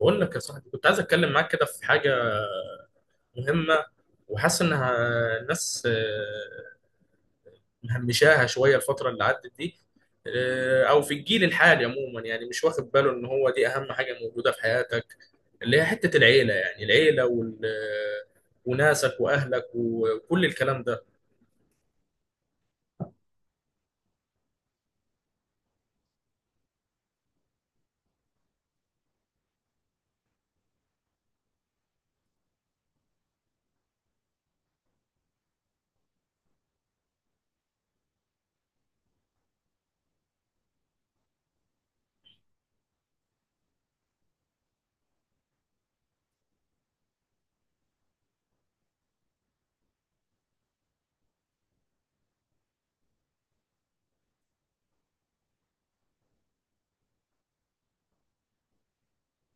بقول لك يا صاحبي، كنت عايز اتكلم معاك كده في حاجه مهمه، وحاسس انها الناس مهمشاها شويه الفتره اللي عدت دي. او في الجيل الحالي عموما، يعني مش واخد باله ان هو دي اهم حاجه موجوده في حياتك، اللي هي حته العيله. يعني العيله وناسك واهلك وكل الكلام ده.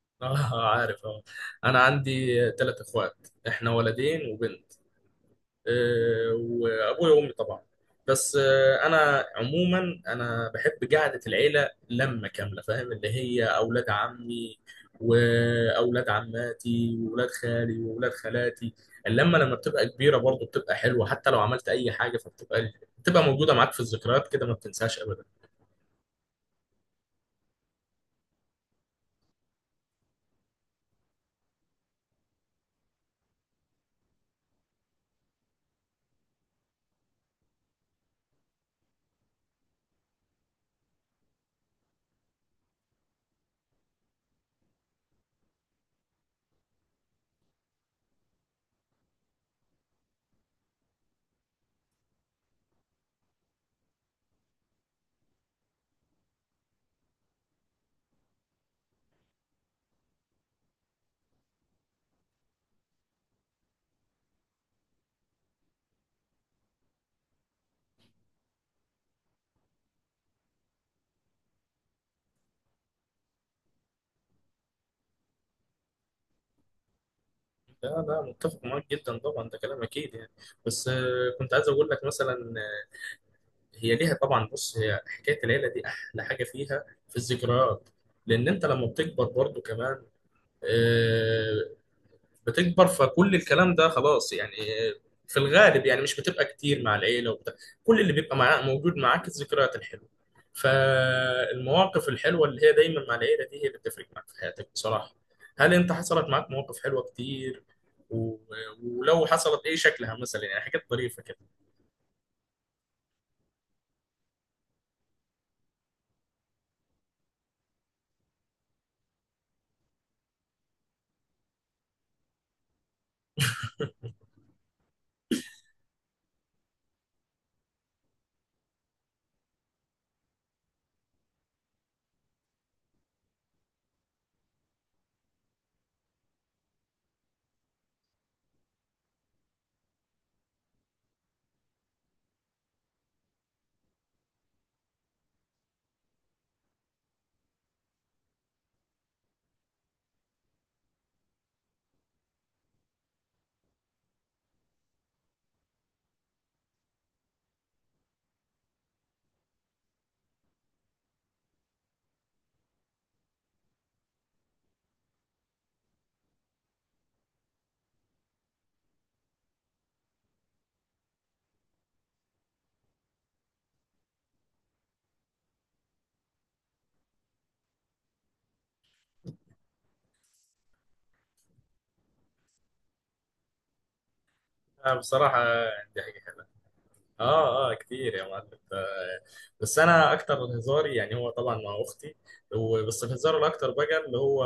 اه، عارف، اه. انا عندي 3 اخوات، احنا ولدين وبنت، وابويا وامي طبعا. بس انا عموما، انا بحب قعده العيله لمه كامله، فاهم؟ اللي هي اولاد عمي واولاد عماتي واولاد خالي واولاد خالاتي. اللمه لما بتبقى كبيره برضه بتبقى حلوه، حتى لو عملت اي حاجه، فبتبقى بتبقى موجوده معاك في الذكريات كده، ما بتنساش ابدا. لا لا، متفق معاك جدا طبعا، ده كلام اكيد يعني. بس كنت عايز اقول لك مثلا، هي ليها طبعا. بص، هي حكايه العيله دي احلى حاجه فيها في الذكريات، لان انت لما بتكبر برضو كمان، آه، بتكبر، فكل الكلام ده خلاص يعني. آه، في الغالب يعني مش بتبقى كتير مع العيله وبتاع. كل اللي بيبقى معاك موجود معاك الذكريات الحلوه، فالمواقف الحلوه اللي هي دايما مع العيله دي، هي اللي بتفرق معاك في حياتك بصراحه. هل انت حصلت معاك مواقف حلوه كتير؟ و- ولو حصلت، ايه شكلها مثلا؟ يعني حاجات ظريفه كده. بصراحه، دي حاجه حلوه. اه، اه، كتير يا معلم. بس انا اكتر هزاري يعني، هو طبعا مع اختي، بس الهزار الاكتر بقى، اللي هو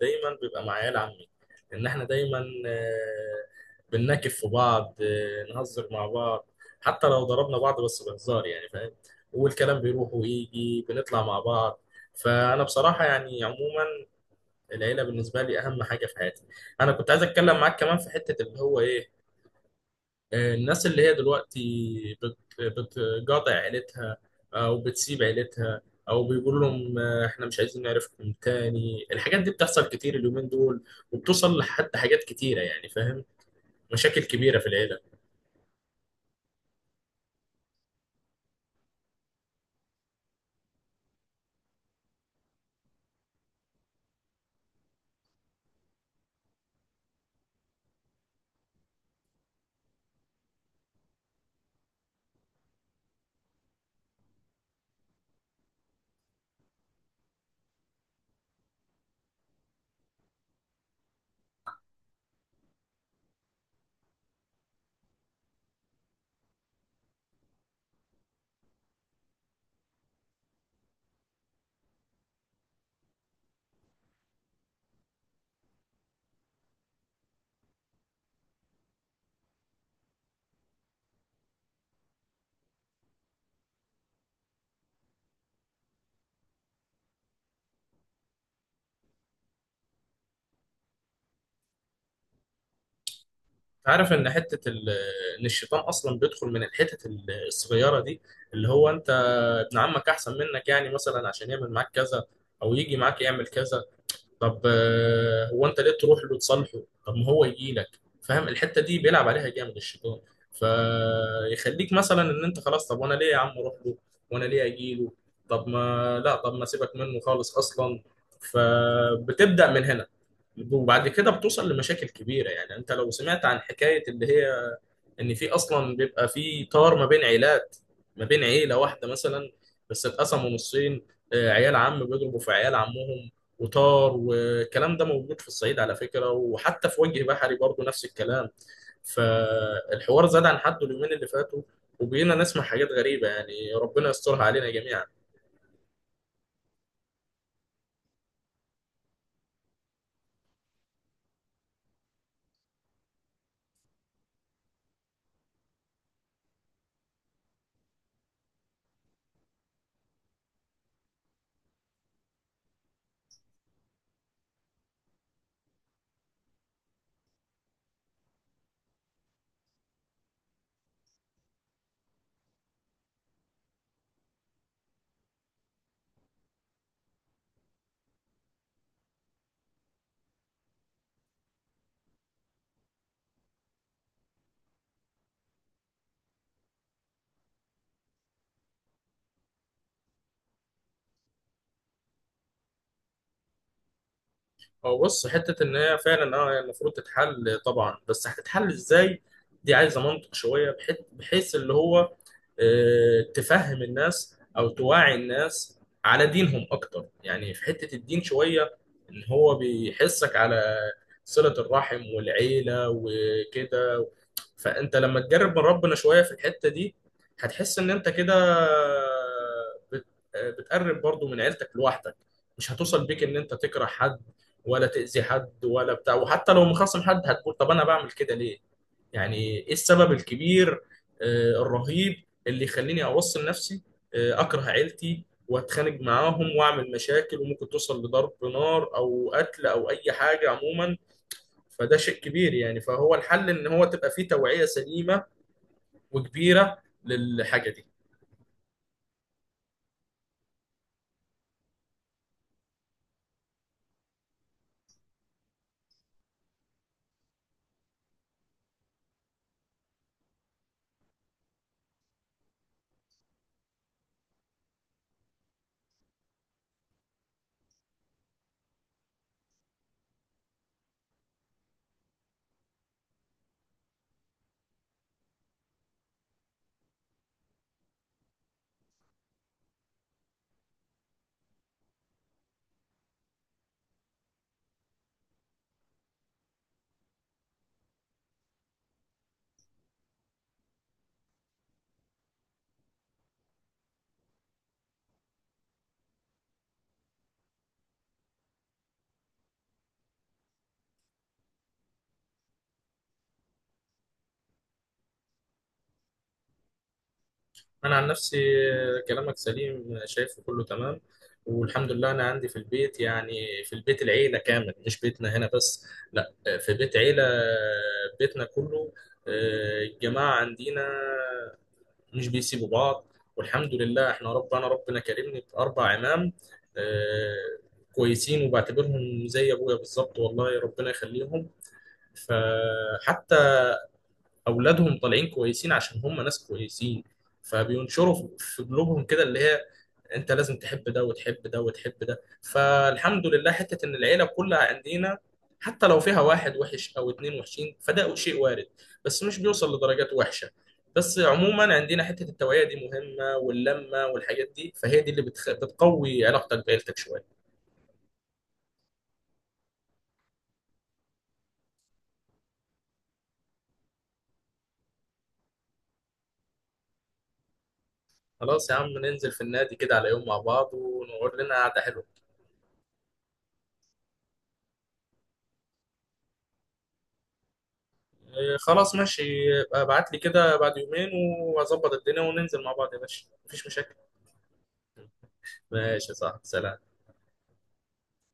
دايما بيبقى مع عيال عمي. ان احنا دايما آه، بنناكف في بعض، نهزر مع بعض، حتى لو ضربنا بعض بس بهزار، يعني فاهم. والكلام بيروح ويجي، بنطلع مع بعض. فانا بصراحه يعني عموما، العيله بالنسبه لي اهم حاجه في حياتي. انا كنت عايز اتكلم معاك كمان في حته، اللي هو ايه، الناس اللي هي دلوقتي بت- بتقاطع عيلتها، او بتسيب عيلتها، او بيقول لهم احنا مش عايزين نعرفكم تاني. الحاجات دي بتحصل كتير اليومين دول، وبتوصل لحتى حاجات كتيرة يعني، فاهم؟ مشاكل كبيرة في العيلة. عارف ان ان الشيطان اصلا بيدخل من الصغيرة دي، اللي هو انت ابن عمك احسن منك، يعني مثلا عشان يعمل معاك كذا، او يجي معاك يعمل كذا. طب هو انت ليه تروح له تصالحه؟ طب ما هو يجي لك. فاهم؟ الحته دي بيلعب عليها جامد الشيطان، فيخليك مثلا ان انت خلاص، طب وانا ليه يا عم اروح له، وانا ليه اجي له؟ طب ما لا، طب ما سيبك منه خالص اصلا. فبتبدا من هنا، وبعد كده بتوصل لمشاكل كبيره. يعني انت لو سمعت عن حكايه اللي هي ان في اصلا بيبقى في طار ما بين عيلات، ما بين عيله واحده مثلا، بس اتقسموا نصين، عيال عم بيضربوا في عيال عمهم، وطار، والكلام ده موجود في الصعيد على فكره، وحتى في وجه بحري برضه نفس الكلام. فالحوار زاد عن حده اليومين اللي فاتوا، وبقينا نسمع حاجات غريبه، يعني ربنا يسترها علينا جميعا. هو بص، حتة إن هي فعلا أه هي المفروض تتحل طبعا، بس هتتحل إزاي؟ دي عايزة منطق شوية، بحيث اللي هو تفهم الناس أو توعي الناس على دينهم أكتر، يعني في حتة الدين شوية، إن هو بيحسك على صلة الرحم والعيلة وكده. فانت لما تجرب من ربنا شويه في الحته دي، هتحس ان انت كده بت- بتقرب برضو من عيلتك لوحدك. مش هتوصل بيك ان انت تكره حد، ولا تأذي حد ولا بتاع. وحتى لو مخاصم حد، هتقول طب انا بعمل كده ليه؟ يعني ايه السبب الكبير الرهيب اللي يخليني اوصل نفسي اكره عيلتي واتخانق معاهم واعمل مشاكل، وممكن توصل لضرب نار او قتل او اي حاجه عموما. فده شيء كبير يعني. فهو الحل ان هو تبقى فيه توعية سليمة وكبيرة للحاجة دي. انا عن نفسي كلامك سليم، شايفه كله تمام، والحمد لله. انا عندي في البيت يعني، في البيت العيلة كامل، مش بيتنا هنا بس، لا، في بيت عيلة، بيتنا كله، الجماعة عندنا مش بيسيبوا بعض. والحمد لله احنا ربنا كرمني ب4 عمام، آه، كويسين، وبعتبرهم زي ابويا بالظبط، والله ربنا يخليهم. فحتى اولادهم طالعين كويسين، عشان هم ناس كويسين، فبينشروا في قلوبهم كده اللي هي انت لازم تحب ده وتحب ده وتحب ده. فالحمد لله حتة ان العيلة كلها عندنا، حتى لو فيها واحد وحش او اتنين وحشين، فده شيء وارد، بس مش بيوصل لدرجات وحشة. بس عموما عندنا حتة التوعية دي مهمة، واللمة والحاجات دي، فهي دي اللي بتقوي علاقتك بعيلتك شوية. خلاص يا عم، ننزل في النادي كده على يوم مع بعض، ونقعد لنا قعدة حلوة. إيه، خلاص ماشي، يبقى ابعت لي كده بعد يومين، واظبط الدنيا، وننزل مع بعض يا باشا، مفيش مشاكل. ماشي، صح، سلام.